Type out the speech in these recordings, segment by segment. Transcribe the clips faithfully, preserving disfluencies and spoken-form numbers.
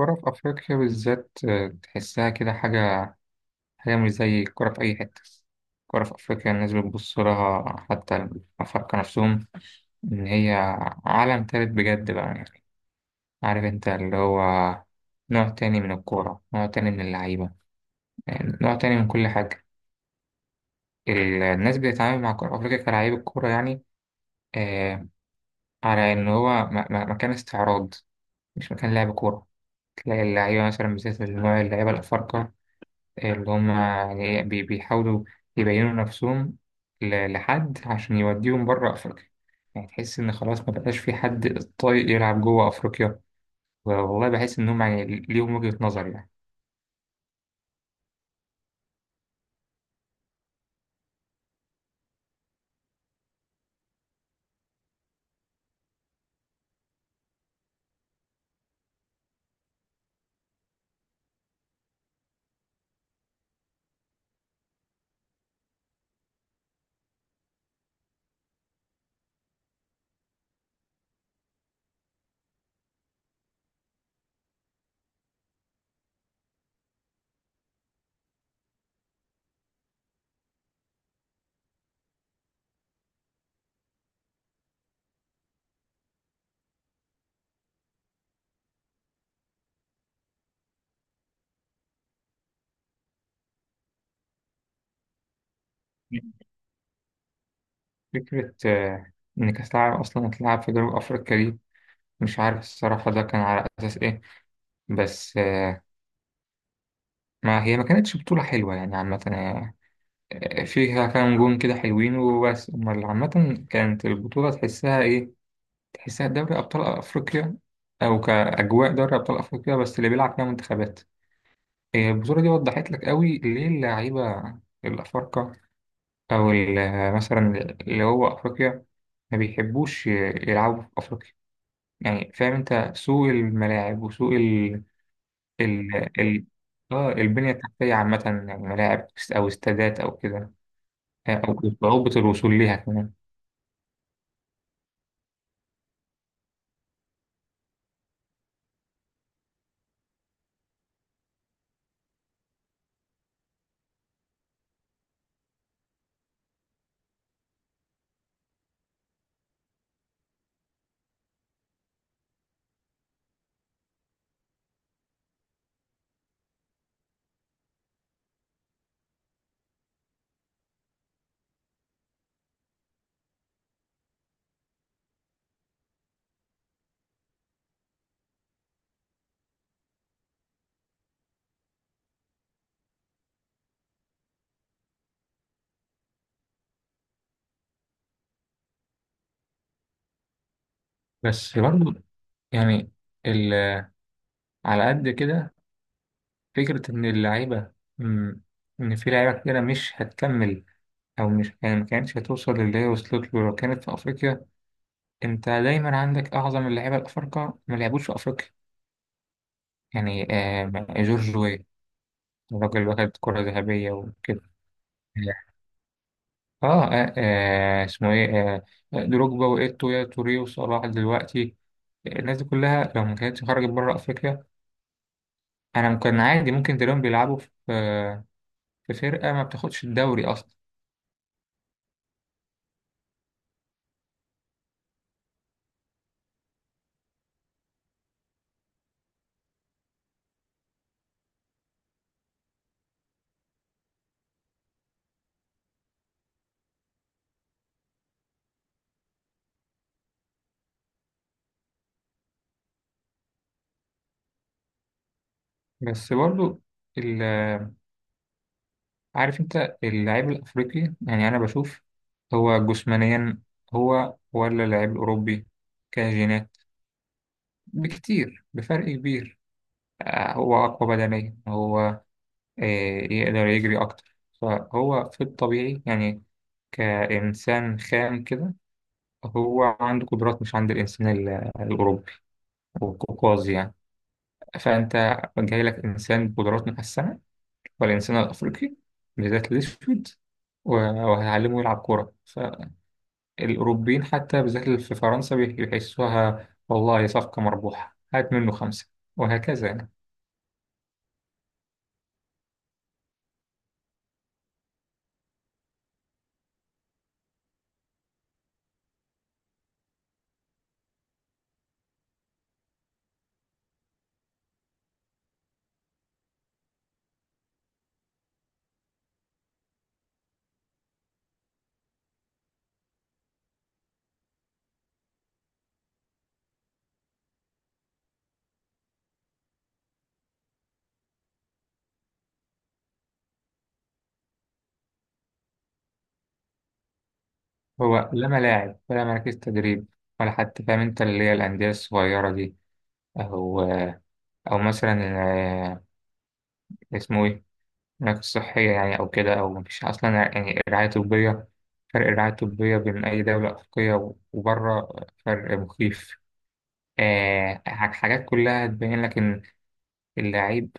الكرة في أفريقيا بالذات آه، تحسها كده حاجة حاجة مش زي الكرة في أي حتة. الكرة في أفريقيا الناس بتبص لها، حتى الأفارقة نفسهم، إن هي عالم تالت بجد بقى. يعني عارف أنت اللي هو نوع تاني من الكورة، نوع تاني من اللعيبة، يعني نوع تاني من كل حاجة. ال- الناس بتتعامل مع كرة أفريقيا كلاعيب الكورة يعني. آه، على إن هو م- م- مكان استعراض، مش مكان لعب كورة. تلاقي اللعيبة مثلا، بالذات نوع اللعيبة الأفارقة، اللي هم يعني إيه بي- بيحاولوا يبينوا نفسهم ل- لحد عشان يوديهم بره أفريقيا. يعني تحس إن خلاص ما بقاش في حد طايق يلعب جوه أفريقيا. والله بحس إنهم يعني ليهم وجهة نظر يعني. فكرة آه، إن كأس العالم أصلا هتلعب في جنوب أفريقيا دي، مش عارف الصراحة ده كان على أساس إيه. بس آه، ما هي ما كانتش بطولة حلوة يعني عامة. آه، آه، فيها كام جون كده حلوين وبس، أمال عامة كانت البطولة تحسها إيه؟ تحسها دوري أبطال أفريقيا، أو كأجواء دوري أبطال أفريقيا بس اللي بيلعب فيها منتخبات. هي البطولة دي وضحت لك قوي ليه اللعيبة الأفارقة، أو ال- مثلا اللي هو أفريقيا، ما بيحبوش ي- يلعبوا في أفريقيا. يعني فاهم أنت سوء الملاعب وسوء ال ال ال آه، البنية التحتية عامة، يعني ملاعب أو استادات أو كده، أو صعوبة الوصول ليها كمان. بس برضه يعني ال- على قد كده، فكرة إن اللعيبة مم، إن في لعيبة كتيرة مش هتكمل، أو مش يعني ما كانتش هتوصل للي هي وصلت له لو كانت في أفريقيا. أنت دايما عندك أعظم اللعيبة الأفارقة ما لعبوش في أفريقيا. يعني آه، جورج وي، الراجل اللي واخد كرة ذهبية وكده. آه, آه, آه اسمه إيه، آه دروجبا وإيتو يا توري وصلاح دلوقتي. الناس دي كلها لو ما كانتش خرجت بره أفريقيا، أنا كان عادي ممكن تلاقيهم بيلعبوا في آه، في فرقة ما بتاخدش الدوري أصلا. بس برضو ال- عارف انت اللاعب الافريقي، يعني انا بشوف هو جسمانيا هو، ولا اللاعب الاوروبي، كجينات، بكتير بفرق كبير. آه، هو اقوى بدنيا هو. آه، يقدر يجري اكتر، فهو في الطبيعي يعني كانسان خام كده هو عنده قدرات مش عند الانسان ال- الاوروبي والقوقازي يعني. فانت جاي لك انسان بقدرات محسنه، والإنسان الأفريقي بالذات الأسود، و- وهعلمه يلعب كورة. فالأوروبيين حتى بالذات اللي في فرنسا بيحسوها والله صفقة مربوحة، هات منه خمسة، وهكذا يعني. هو لا ملاعب ولا مراكز تدريب، ولا حتى فاهم أنت اللي هي الأندية الصغيرة دي، أو أو مثلا آه، اسمه إيه، مراكز صحية يعني، أو كده، أو مفيش أصلا يعني رعاية طبية. فرق الرعاية الطبية بين أي دولة أفريقية وبره فرق مخيف. آه، ح- حاجات كلها تبين لك إن اللعيب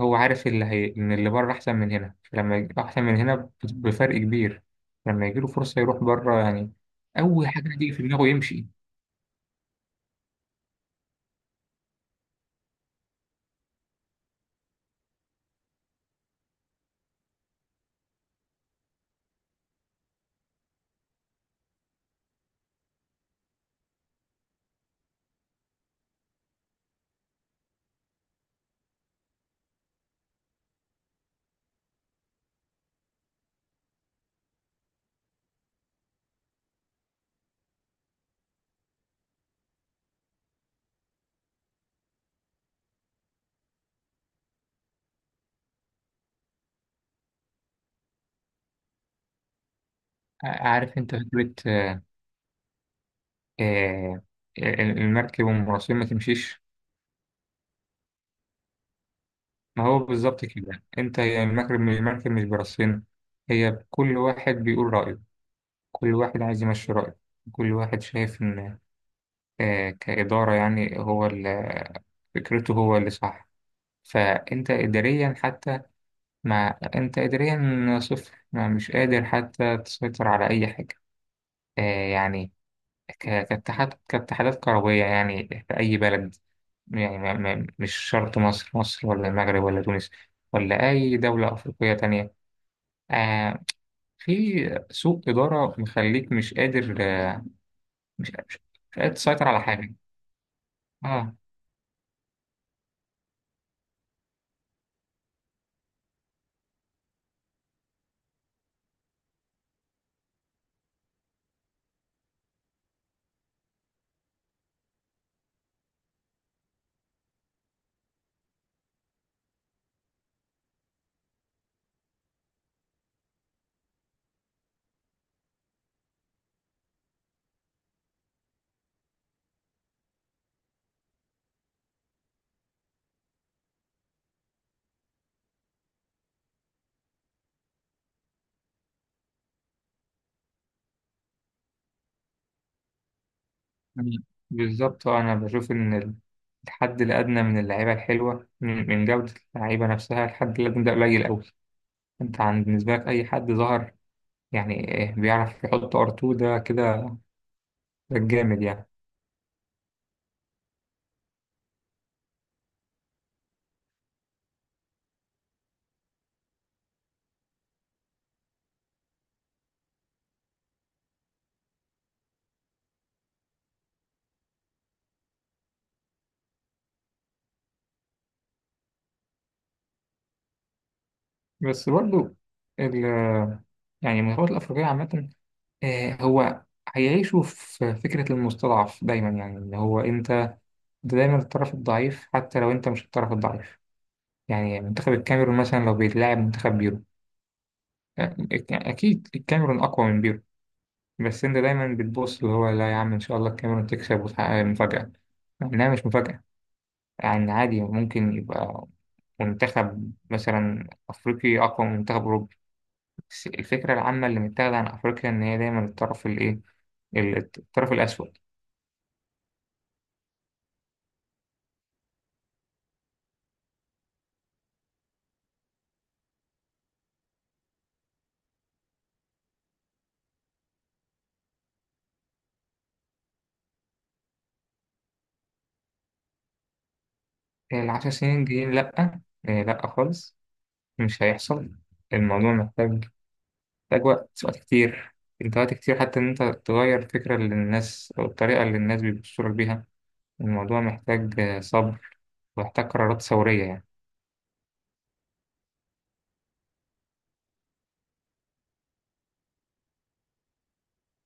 هو عارف اللي هي، إن اللي بره أحسن من هنا، فلما يجي أحسن من هنا ب- بفرق كبير، لما يجيله فرصة يروح بره يعني. أول حاجة هتيجي في دماغه يمشي. ع- عارف أنت فكرة آه، آه، المركب والمراسين ما تمشيش. ما هو بالظبط كده أنت، هي المركب، المركب مش براسين. هي كل واحد بيقول رأيه، كل واحد عايز يمشي رأيه، كل واحد شايف إن آه، كإدارة يعني هو ال- فكرته هو اللي صح. فأنت إداريا حتى، ما أنت إداريا صفر، ما مش قادر حتى تسيطر على أي حاجة. آه، يعني ك- كاتحاد كاتحادات كروية يعني في أي بلد، يعني ما ما مش شرط مصر، مصر ولا المغرب ولا تونس ولا أي دولة أفريقية تانية. آه، في سوء إدارة مخليك مش قادر آه، مش مش مش قادر تسيطر على حاجة. آه بالظبط آه، أنا بشوف إن ال- الحد الأدنى من اللعيبة الحلوة، من من جودة اللعيبة نفسها، الحد الأدنى ده قليل أوي. أنت عن بالنسبة لك أي حد ظهر، يعني إيه، بيعرف يحط ار اتنين ده كده، ده الجامد يعني. بس برضو ال، يعني المنتخبات الأفريقية عامة آه، هو هيعيشوا في فكرة المستضعف دايما، يعني إن هو أنت دايما الطرف الضعيف حتى لو أنت مش الطرف الضعيف. يعني منتخب الكاميرون مثلا لو بيتلاعب منتخب بيرو، يعني أكيد الكاميرون أقوى من بيرو، بس أنت دايما بتبص اللي هو لا يا عم إن شاء الله الكاميرون تكسب وتحقق مفاجأة، مع إنها مش مفاجأة. يعني عادي ممكن يبقى منتخب مثلا أفريقي أقوى من منتخب أوروبي. بس الفكرة العامة اللي متاخدة عن أفريقيا إن هي دايما الطرف الإيه، ال- الطرف الأسود. العشر سنين الجايين لأ، إيه، لأ خالص، مش هيحصل. الموضوع محتاج، محتاج وقت، وقت كتير. أنت وقت كتير حتى إن أنت تغير الفكرة اللي الناس، أو الطريقة اللي الناس بيبصوا لك بيها. الموضوع محتاج صبر، ومحتاج قرارات ثورية يعني.